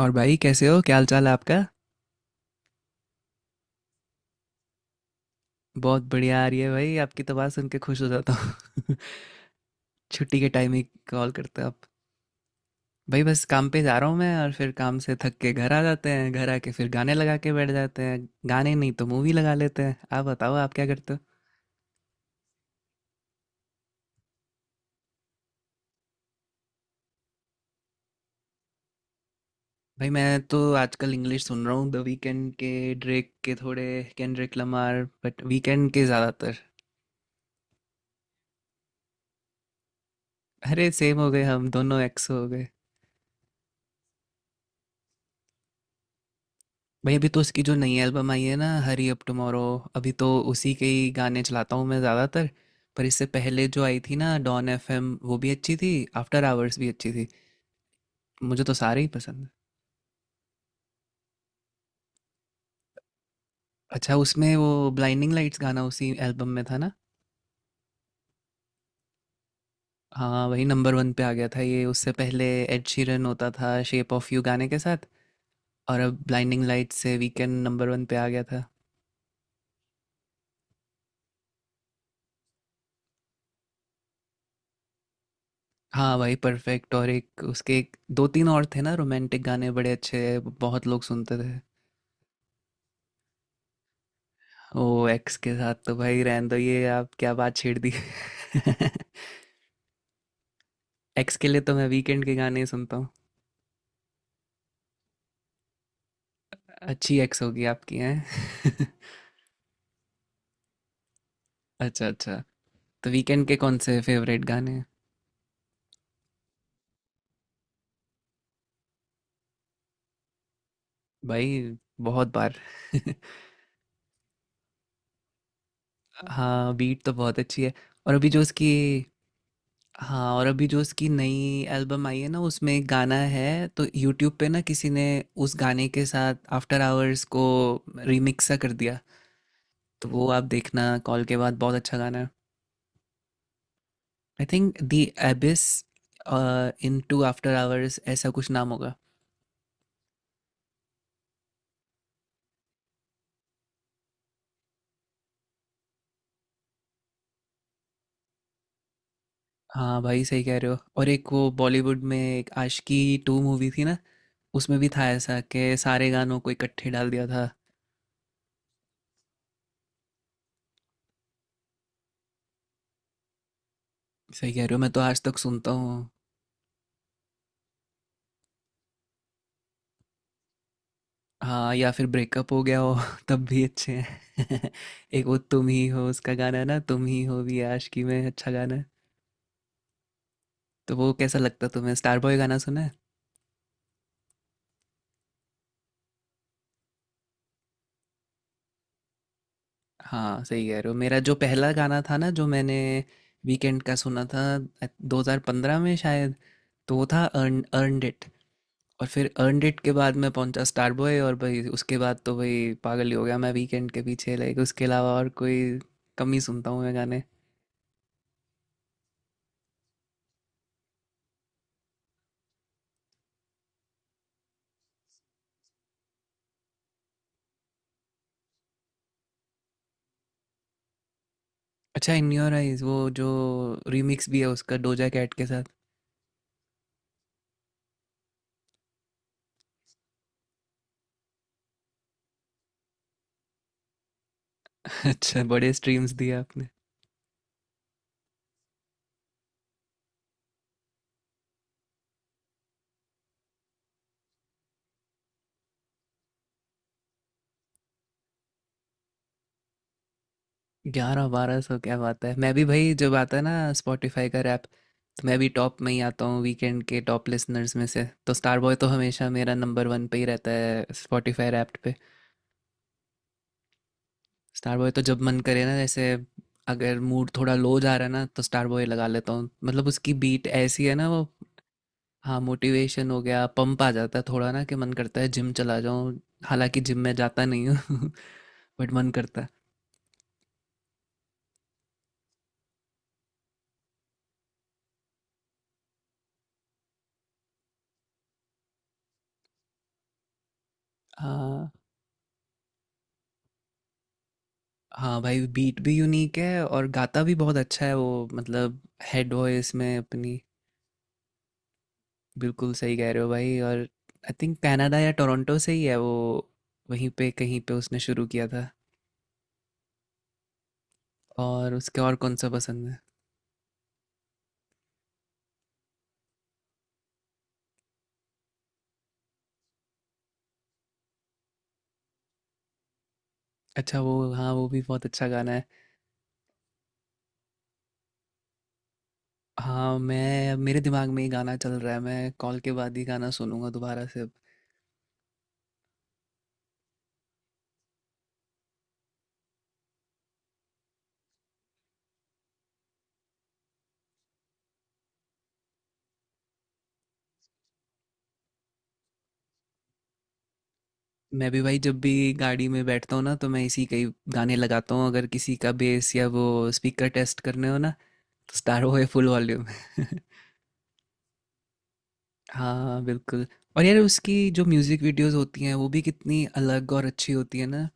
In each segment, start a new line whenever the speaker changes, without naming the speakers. और भाई, कैसे हो? क्या हाल चाल है आपका? बहुत बढ़िया आ रही है भाई। आपकी तो बात सुन के खुश हो जाता हूँ। छुट्टी के टाइम ही कॉल करते हो आप? भाई बस काम पे जा रहा हूँ मैं, और फिर काम से थक के घर आ जाते हैं। घर आके फिर गाने लगा के बैठ जाते हैं। गाने नहीं तो मूवी लगा लेते हैं। आप बताओ, आप क्या करते हो? भाई मैं तो आजकल इंग्लिश सुन रहा हूँ। द वीकेंड के, ड्रेक के थोड़े, केंड्रिक लमार, बट वीकेंड के ज़्यादातर। अरे सेम हो गए हम दोनों! एक्स हो? भाई अभी तो उसकी जो नई एल्बम आई है ना, हरी अप टुमारो, अभी तो उसी के ही गाने चलाता हूँ मैं ज़्यादातर। पर इससे पहले जो आई थी ना, डॉन एफ एम, वो भी अच्छी थी। आफ्टर आवर्स भी अच्छी थी। मुझे तो सारे ही पसंद है। अच्छा, उसमें वो ब्लाइंडिंग लाइट्स गाना उसी एल्बम में था ना? हाँ वही नंबर वन पे आ गया था ये। उससे पहले एड शीरन होता था शेप ऑफ यू गाने के साथ, और अब ब्लाइंडिंग लाइट्स से वीकेंड नंबर वन पे आ गया था। हाँ भाई, परफेक्ट। और एक उसके, एक दो तीन और थे ना रोमांटिक गाने, बड़े अच्छे। बहुत लोग सुनते थे। ओ! एक्स के साथ तो भाई रहने दो। ये आप क्या बात छेड़ दी! एक्स के लिए तो मैं वीकेंड के गाने ही सुनता हूँ। अच्छी एक्स होगी आपकी! हैं? अच्छा अच्छा। तो वीकेंड के कौन से फेवरेट गाने हैं? भाई, बहुत बार। हाँ बीट तो बहुत अच्छी है। और अभी जो उसकी हाँ और अभी जो उसकी नई एल्बम आई है ना, उसमें एक गाना है, तो यूट्यूब पे ना किसी ने उस गाने के साथ आफ्टर आवर्स को रिमिक्स सा कर दिया। तो वो आप देखना कॉल के बाद। बहुत अच्छा गाना है। I think the Abyss into after hours ऐसा कुछ नाम होगा। हाँ भाई, सही कह रहे हो। और एक वो बॉलीवुड में एक आशिकी टू मूवी थी ना, उसमें भी था ऐसा कि सारे गानों को इकट्ठे डाल दिया था। सही कह रहे हो, मैं तो आज तक सुनता हूँ। हाँ, या फिर ब्रेकअप हो गया हो तब भी अच्छे। हैं? एक वो तुम ही हो उसका गाना है ना, तुम ही हो भी आशिकी में अच्छा गाना है। तो वो कैसा लगता तुम्हें? स्टार बॉय गाना सुना है? हाँ सही कह रहे हो। मेरा जो पहला गाना था ना जो मैंने वीकेंड का सुना था, I- 2015 में शायद। तो वो था अर्नड इट, और फिर अर्नड इट के बाद मैं पहुंचा स्टार बॉय, और भाई उसके बाद तो भाई पागल ही हो गया मैं वीकेंड के पीछे, लाइक उसके अलावा और कोई कम ही सुनता हूँ मैं गाने। अच्छा, इन योर आइज, वो जो रीमिक्स भी है उसका डोजा कैट के साथ? अच्छा, बड़े स्ट्रीम्स दिए आपने। ग्यारह बारह सौ, क्या बात है! मैं भी भाई जब आता है ना स्पॉटिफाई का रैप, तो मैं भी टॉप में ही आता हूँ वीकेंड के टॉप लिसनर्स में से, तो स्टार बॉय तो हमेशा मेरा नंबर वन पे ही रहता है स्पॉटिफाई रैप्ट पे। स्टार बॉय तो जब मन करे ना, जैसे अगर मूड थोड़ा लो जा रहा है ना तो स्टार बॉय लगा लेता हूँ, मतलब उसकी बीट ऐसी है ना वो। हाँ मोटिवेशन हो गया, पंप आ जाता है थोड़ा ना, कि मन करता है जिम चला जाऊँ। हालांकि जिम में जाता नहीं हूँ बट मन करता है। हाँ, हाँ भाई बीट भी यूनिक है और गाता भी बहुत अच्छा है वो, मतलब हेड वॉइस में अपनी। बिल्कुल सही कह रहे हो भाई, और आई थिंक कनाडा या टोरंटो से ही है वो, वहीं पे कहीं पे उसने शुरू किया था। और उसके और कौन सा पसंद है? अच्छा वो, हाँ वो भी बहुत अच्छा गाना है। हाँ मैं मेरे दिमाग में ही गाना चल रहा है, मैं कॉल के बाद ही गाना सुनूंगा दोबारा से अब। मैं भी भाई जब भी गाड़ी में बैठता हूँ ना तो मैं इसी कई गाने लगाता हूँ। अगर किसी का बेस या वो स्पीकर टेस्ट करने हो ना, स्टार हो है फुल वॉल्यूम। हाँ बिल्कुल। और यार उसकी जो म्यूजिक वीडियोस होती हैं वो भी कितनी अलग और अच्छी होती है ना।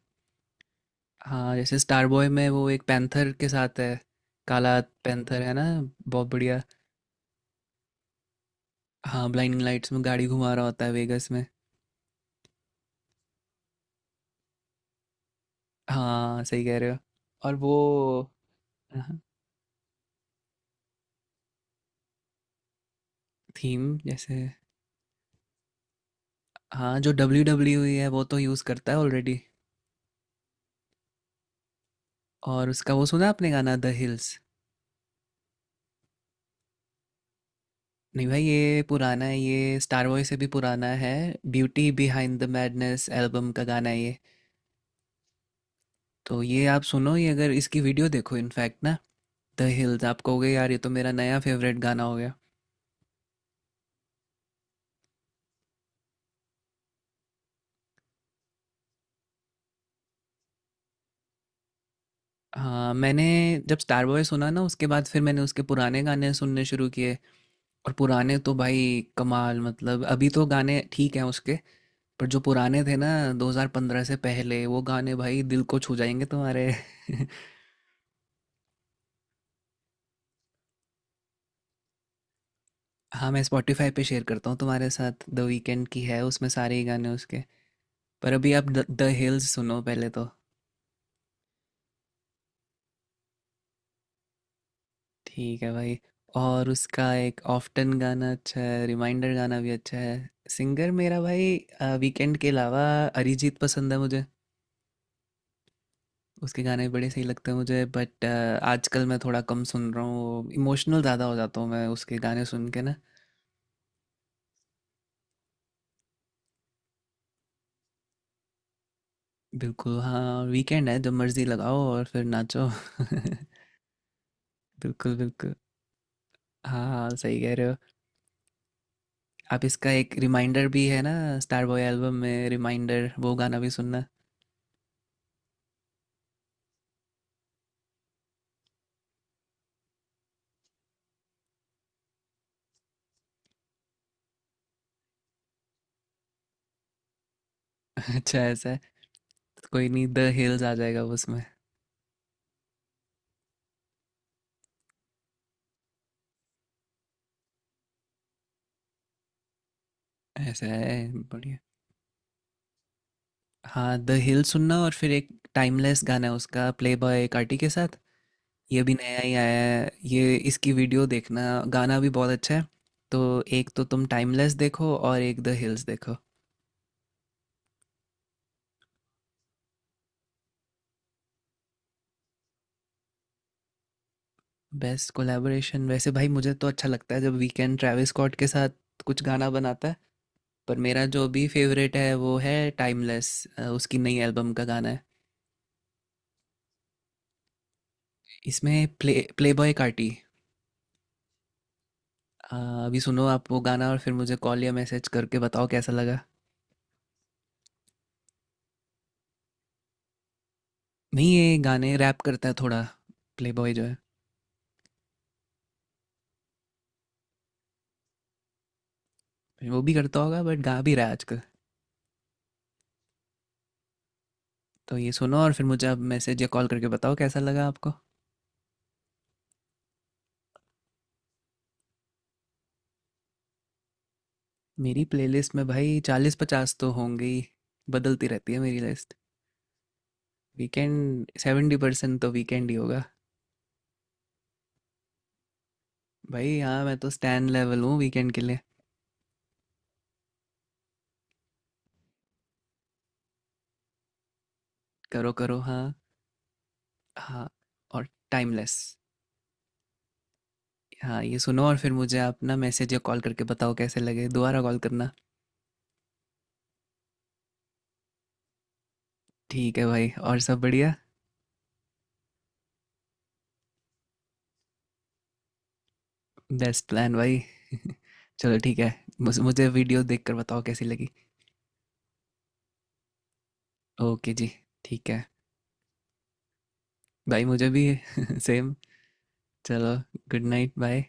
हाँ जैसे स्टार बॉय में वो एक पैंथर के साथ है, काला पैंथर है ना। बहुत बढ़िया। हाँ ब्लाइंडिंग लाइट्स में गाड़ी घुमा रहा होता है वेगस में। हाँ सही कह रहे हो। और वो, हाँ, थीम जैसे। हाँ जो डब्ल्यू डब्ल्यू ई है वो तो यूज़ करता है ऑलरेडी। और उसका वो सुना आपने गाना, द हिल्स? नहीं भाई, ये पुराना है, ये स्टार वॉय से भी पुराना है। Beauty Behind the Madness album का गाना है ये। तो ये आप सुनो, ये अगर इसकी वीडियो देखो इनफैक्ट ना, द हिल्स, आप कहोगे यार ये तो मेरा नया फेवरेट गाना हो गया। हाँ मैंने जब स्टार बॉय सुना ना, उसके बाद फिर मैंने उसके पुराने गाने सुनने शुरू किए। और पुराने तो भाई कमाल, मतलब अभी तो गाने ठीक हैं उसके, पर जो पुराने थे ना 2015 से पहले, वो गाने भाई दिल को छू जाएंगे तुम्हारे। हाँ, मैं स्पॉटिफ़ाई पे शेयर करता हूँ तुम्हारे साथ, द वीकेंड की है उसमें सारे ही गाने उसके। पर अभी आप द द हिल्स सुनो पहले तो। ठीक है भाई। और उसका एक ऑफ्टन गाना अच्छा है, रिमाइंडर गाना भी अच्छा है। सिंगर मेरा भाई, वीकेंड के अलावा अरिजीत पसंद है मुझे। उसके गाने बड़े सही लगते हैं मुझे, बट आजकल मैं थोड़ा कम सुन रहा हूँ, इमोशनल ज़्यादा हो जाता हूँ मैं उसके गाने सुन के ना। बिल्कुल हाँ, वीकेंड है जब मर्ज़ी लगाओ और फिर नाचो। बिल्कुल, बिल्कुल। हाँ, हाँ, सही कह रहे हो। आप इसका एक रिमाइंडर भी है ना, स्टार बॉय एल्बम में, रिमाइंडर वो गाना भी सुनना। अच्छा ऐसा है? तो कोई नहीं, द हिल्स आ जाएगा वो उसमें। ऐसा है? बढ़िया। हाँ द हिल सुनना, और फिर एक टाइमलेस गाना है उसका प्ले बॉय कार्टी के साथ, ये भी नया ही आया है ये, इसकी वीडियो देखना। गाना भी बहुत अच्छा है। तो एक तो तुम टाइमलेस देखो और एक द हिल्स देखो। बेस्ट कोलैबोरेशन वैसे भाई मुझे तो अच्छा लगता है जब वीकेंड ट्रैविस स्कॉट के साथ कुछ गाना बनाता है। पर मेरा जो भी फेवरेट है वो है टाइमलेस, उसकी नई एल्बम का गाना है। इसमें प्ले प्ले बॉय कार्टी। अ, अभी सुनो आप वो गाना और फिर मुझे कॉल या मैसेज करके बताओ कैसा लगा। नहीं ये गाने रैप करता है थोड़ा। प्ले बॉय जो है, वो भी करता होगा बट गा भी रहा है आजकल। तो ये सुनो और फिर मुझे आप मैसेज या कॉल करके बताओ कैसा लगा आपको। मेरी प्लेलिस्ट में भाई चालीस पचास तो होंगे ही। बदलती रहती है मेरी लिस्ट। वीकेंड 70% तो वीकेंड ही होगा। भाई हाँ, मैं तो स्टैंड लेवल हूँ वीकेंड के लिए। करो करो, हाँ। हाँ, और टाइमलेस। हाँ, ये सुनो और फिर मुझे आप ना मैसेज या कॉल करके बताओ कैसे लगे। दोबारा कॉल करना। ठीक है भाई, और सब बढ़िया? बेस्ट प्लान भाई। चलो ठीक है, मुझे वीडियो देखकर बताओ कैसी लगी। ओके जी, ठीक है। भाई मुझे भी सेम। चलो गुड नाइट, बाय।